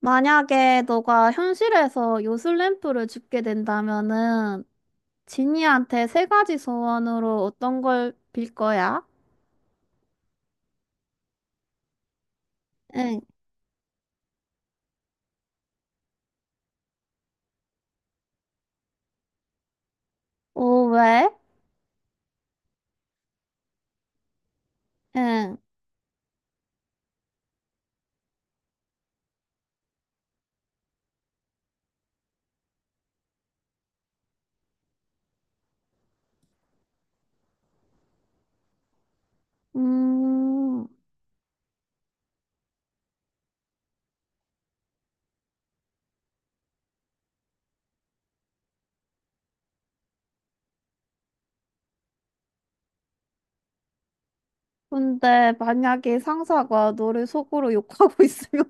만약에 너가 현실에서 요술램프를 줍게 된다면은 지니한테 세 가지 소원으로 어떤 걸 빌 거야? 응. 오, 왜? 응. 음. 근데 만약에 상사가 너를 속으로 욕하고 있으면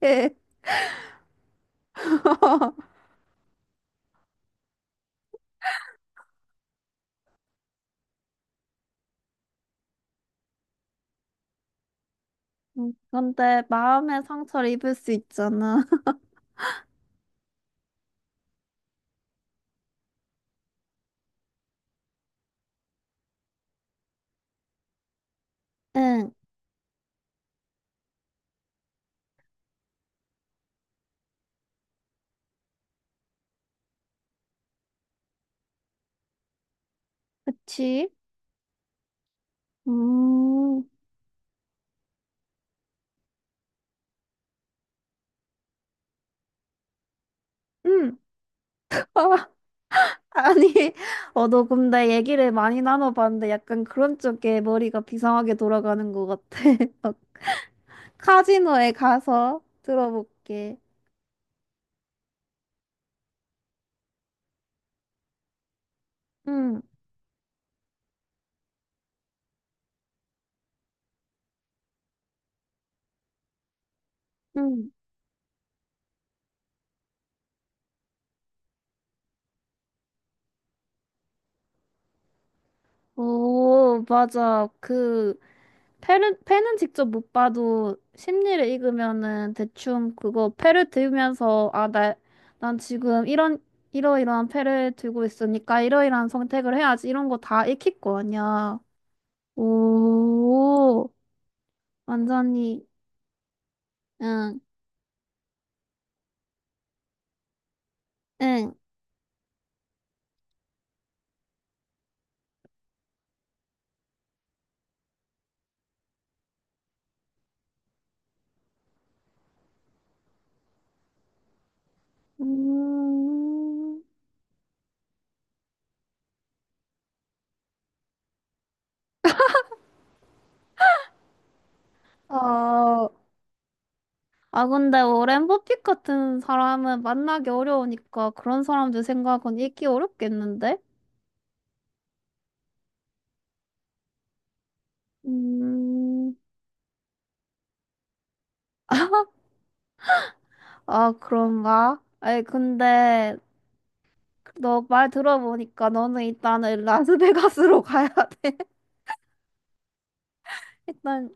어떡해? 근데 마음의 상처를 입을 수 있잖아. 응. 그치? 음. 응. 아니, 어, 너 근데 얘기를 많이 나눠봤는데 약간 그런 쪽에 머리가 비상하게 돌아가는 것 같아. 어, 카지노에 가서 들어볼게. 응, 응. 오, 맞아. 그, 패는 직접 못 봐도 심리를 읽으면은 대충 그거 패를 들면서, 아, 나, 난 지금 이런, 이러이러한 패를 들고 있으니까 이러이러한 선택을 해야지. 이런 거 다 익힐 거 아니야. 오, 완전히. 응, 응. 음, 아, 아, 근데 오랜 버핏 같은 사람은 만나기 어려우니까 그런 사람들 생각은 읽기 어렵겠는데? 음, 아, 그런가? 아니, 근데 너 말 들어보니까 너는 일단은 라스베가스로 가야 돼. 일단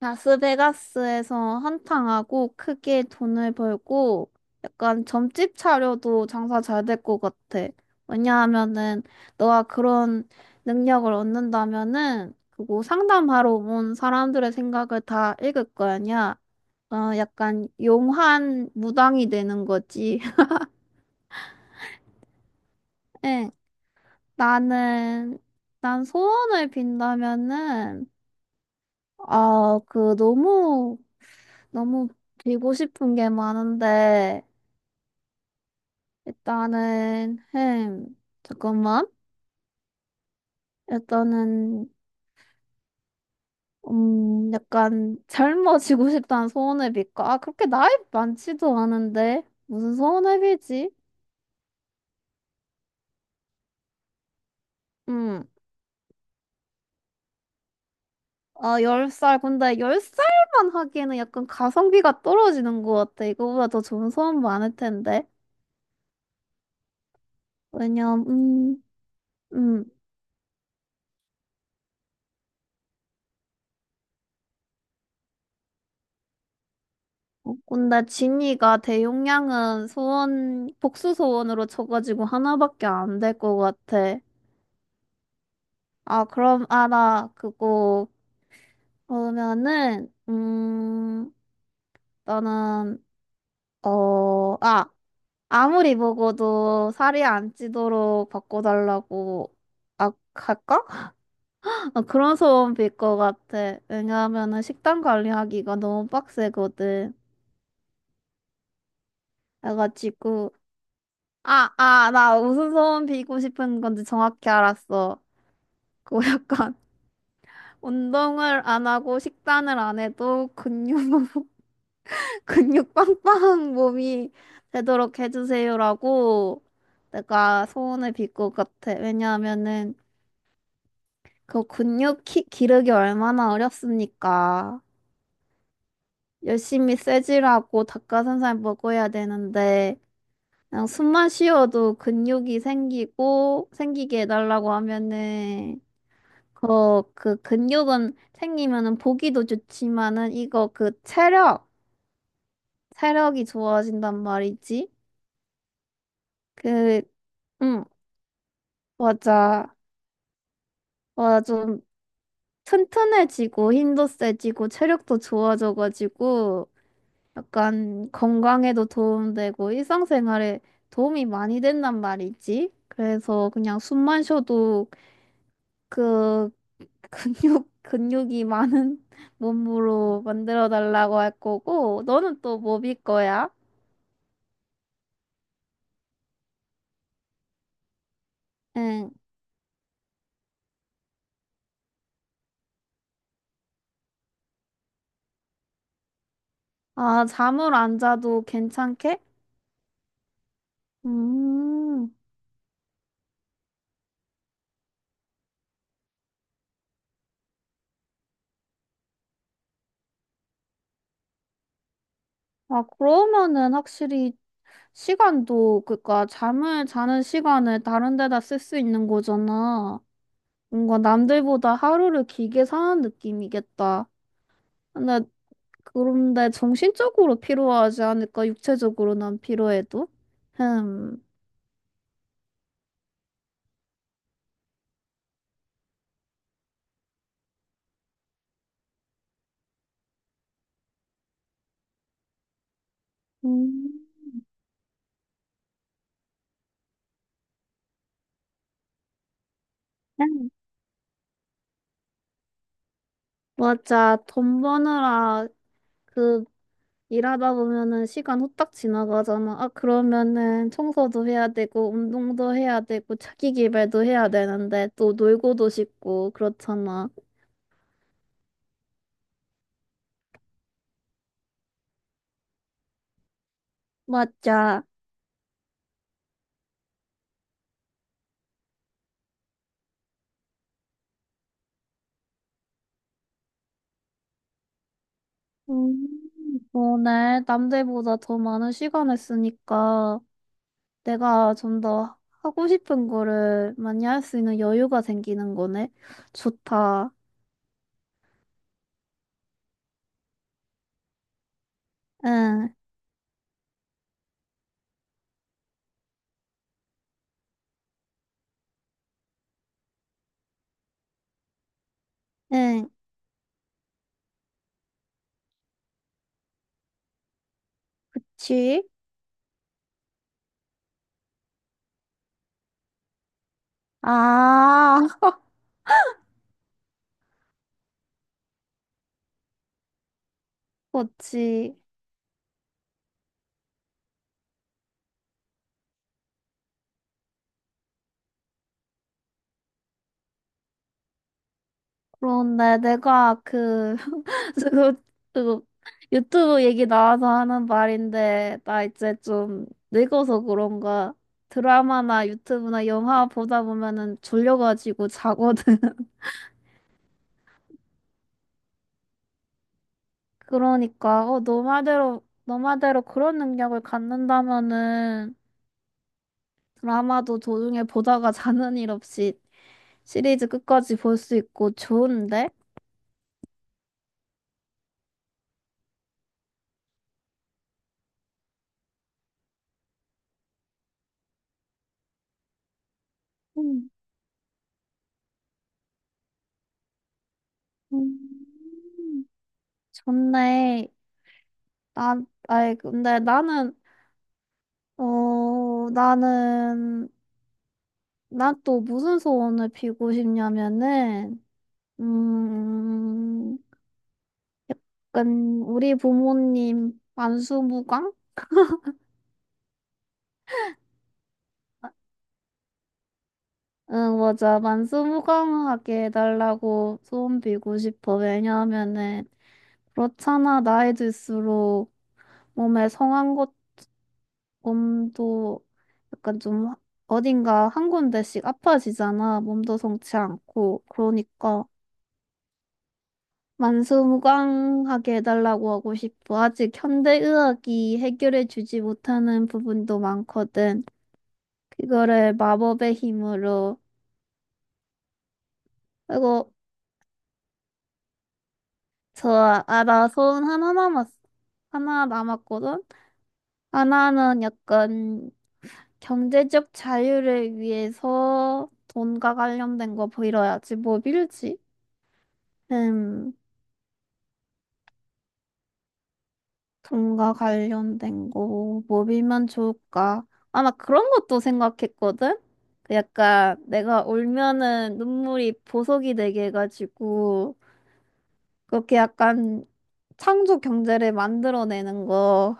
라스베가스에서 한탕하고 크게 돈을 벌고 약간 점집 차려도 장사 잘 될 것 같아. 왜냐하면은 너가 그런 능력을 얻는다면은 그거 상담하러 온 사람들의 생각을 다 읽을 거 아니야. 어, 약간 용한 무당이 되는 거지. 응, 나는 난 소원을 빈다면은 아, 그 너무 빌고 싶은 게 많은데 일단은, 잠깐만. 일단은, 약간 젊어지고 싶다는 소원회비일까? 아, 그렇게 나이 많지도 않은데. 무슨 소원회비지? 음, 아, 10살 근데 10살만 하기에는 약간 가성비가 떨어지는 것 같아. 이거보다 더 좋은 소원 많을 텐데. 왜냐면, 음. 어, 근데 진이가 대용량은 소원, 복수 소원으로 쳐가지고 하나밖에 안 될 것 같아. 아, 그럼, 아, 나 그거, 그러면은, 나는, 어, 아, 아무리 먹어도 살이 안 찌도록 바꿔달라고, 아, 할까? 아, 그런 소원 빌 것 같아. 왜냐하면은 식단 관리하기가 너무 빡세거든. 그래가지고, 아, 아, 나 무슨 소원 빌고 싶은 건지 정확히 알았어. 그거 약간, 운동을 안 하고 식단을 안 해도 근육만 근육 빵빵 몸이 되도록 해주세요라고 내가 소원을 빌 것 같아. 왜냐하면은 그 근육 키, 기르기 얼마나 어렵습니까? 열심히 쇠질하고 닭가슴살 먹어야 되는데 그냥 숨만 쉬어도 근육이 생기고 생기게 해달라고 하면은 그, 그 근육은 생기면은 보기도 좋지만은 이거 그 체력 체력이 좋아진단 말이지. 그 음, 맞아. 와, 좀 튼튼해지고 힘도 세지고 체력도 좋아져가지고 약간 건강에도 도움되고 일상생활에 도움이 많이 된단 말이지. 그래서 그냥 숨만 쉬어도 그 근육, 근육이 많은 몸으로 만들어 달라고 할 거고, 너는 또 뭐 빌 거야? 응. 아, 잠을 안 자도 괜찮게? 음. 아, 그러면은 확실히 시간도, 그니까 잠을 자는 시간을 다른 데다 쓸 수 있는 거잖아. 뭔가 남들보다 하루를 길게 사는 느낌이겠다. 근데, 그런데 정신적으로 필요하지 않을까? 육체적으로 난 필요해도? 흠. 음, 음. 맞아. 돈 버느라 그 일하다 보면은 시간 후딱 지나가잖아. 아, 그러면은 청소도 해야 되고, 운동도 해야 되고, 자기 개발도 해야 되는데, 또 놀고도 싶고, 그렇잖아. 맞아. 음, 오늘 남들보다 더 많은 시간을 쓰니까 내가 좀 더 하고 싶은 거를 많이 할 수 있는 여유가 생기는 거네. 좋다. 응, 응. 지? 아, 그렇지. 그런데 내가 그, 그거, 그거 유튜브 얘기 나와서 하는 말인데, 나 이제 좀 늙어서 그런가 드라마나 유튜브나 영화 보다 보면은 졸려가지고 자거든. 그러니까, 어, 너 말대로 그런 능력을 갖는다면은 드라마도 도중에 보다가 자는 일 없이 시리즈 끝까지 볼 수 있고 좋은데? 음, 음. 좋네. 나, 아이, 근데 나는, 어, 나는, 난 또 무슨 소원을 빌고 싶냐면은, 음, 약간, 우리 부모님 만수무강? 응, 맞아. 만수무강하게 해달라고 소원 빌고 싶어. 왜냐하면은, 그렇잖아. 나이 들수록 몸에 성한 것, 몸도 약간 좀 어딘가 한 군데씩 아파지잖아. 몸도 성치 않고. 그러니까. 만수무강하게 해달라고 하고 싶어. 아직 현대의학이 해결해주지 못하는 부분도 많거든. 그거를 마법의 힘으로. 그리고 저 알아, 소원 하나 남았어. 하나 남았거든. 하나는 약간 경제적 자유를 위해서 돈과 관련된 거 빌어야지. 뭐 빌지? 음. 돈과 관련된 거, 뭐 빌면 좋을까? 아마 그런 것도 생각했거든? 그 약간 내가 울면은 눈물이 보석이 되게 해가지고, 그렇게 약간 창조 경제를 만들어내는 거.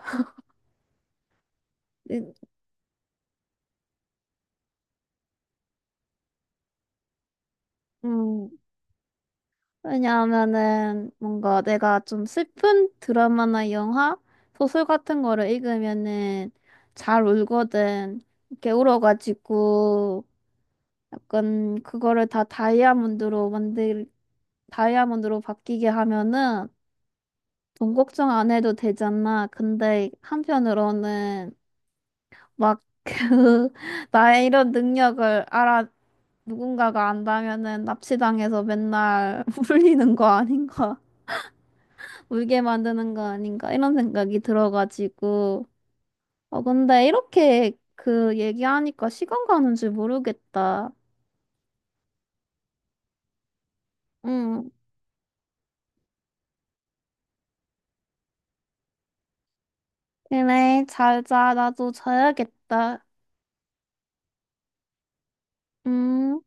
이- 음, 왜냐하면은 뭔가 내가 좀 슬픈 드라마나 영화, 소설 같은 거를 읽으면은 잘 울거든. 이렇게 울어가지고. 약간 그거를 다 다이아몬드로 만들 다이아몬드로 바뀌게 하면은 돈 걱정 안 해도 되잖아. 근데 한편으로는 막 그 나의 이런 능력을 알아 누군가가 안다면은 납치당해서 맨날 울리는 거 아닌가? 울게 만드는 거 아닌가? 이런 생각이 들어가지고. 어, 근데 이렇게 그 얘기하니까 시간 가는 줄 모르겠다. 응. 그래, 잘 자. 나도 자야겠다. 음,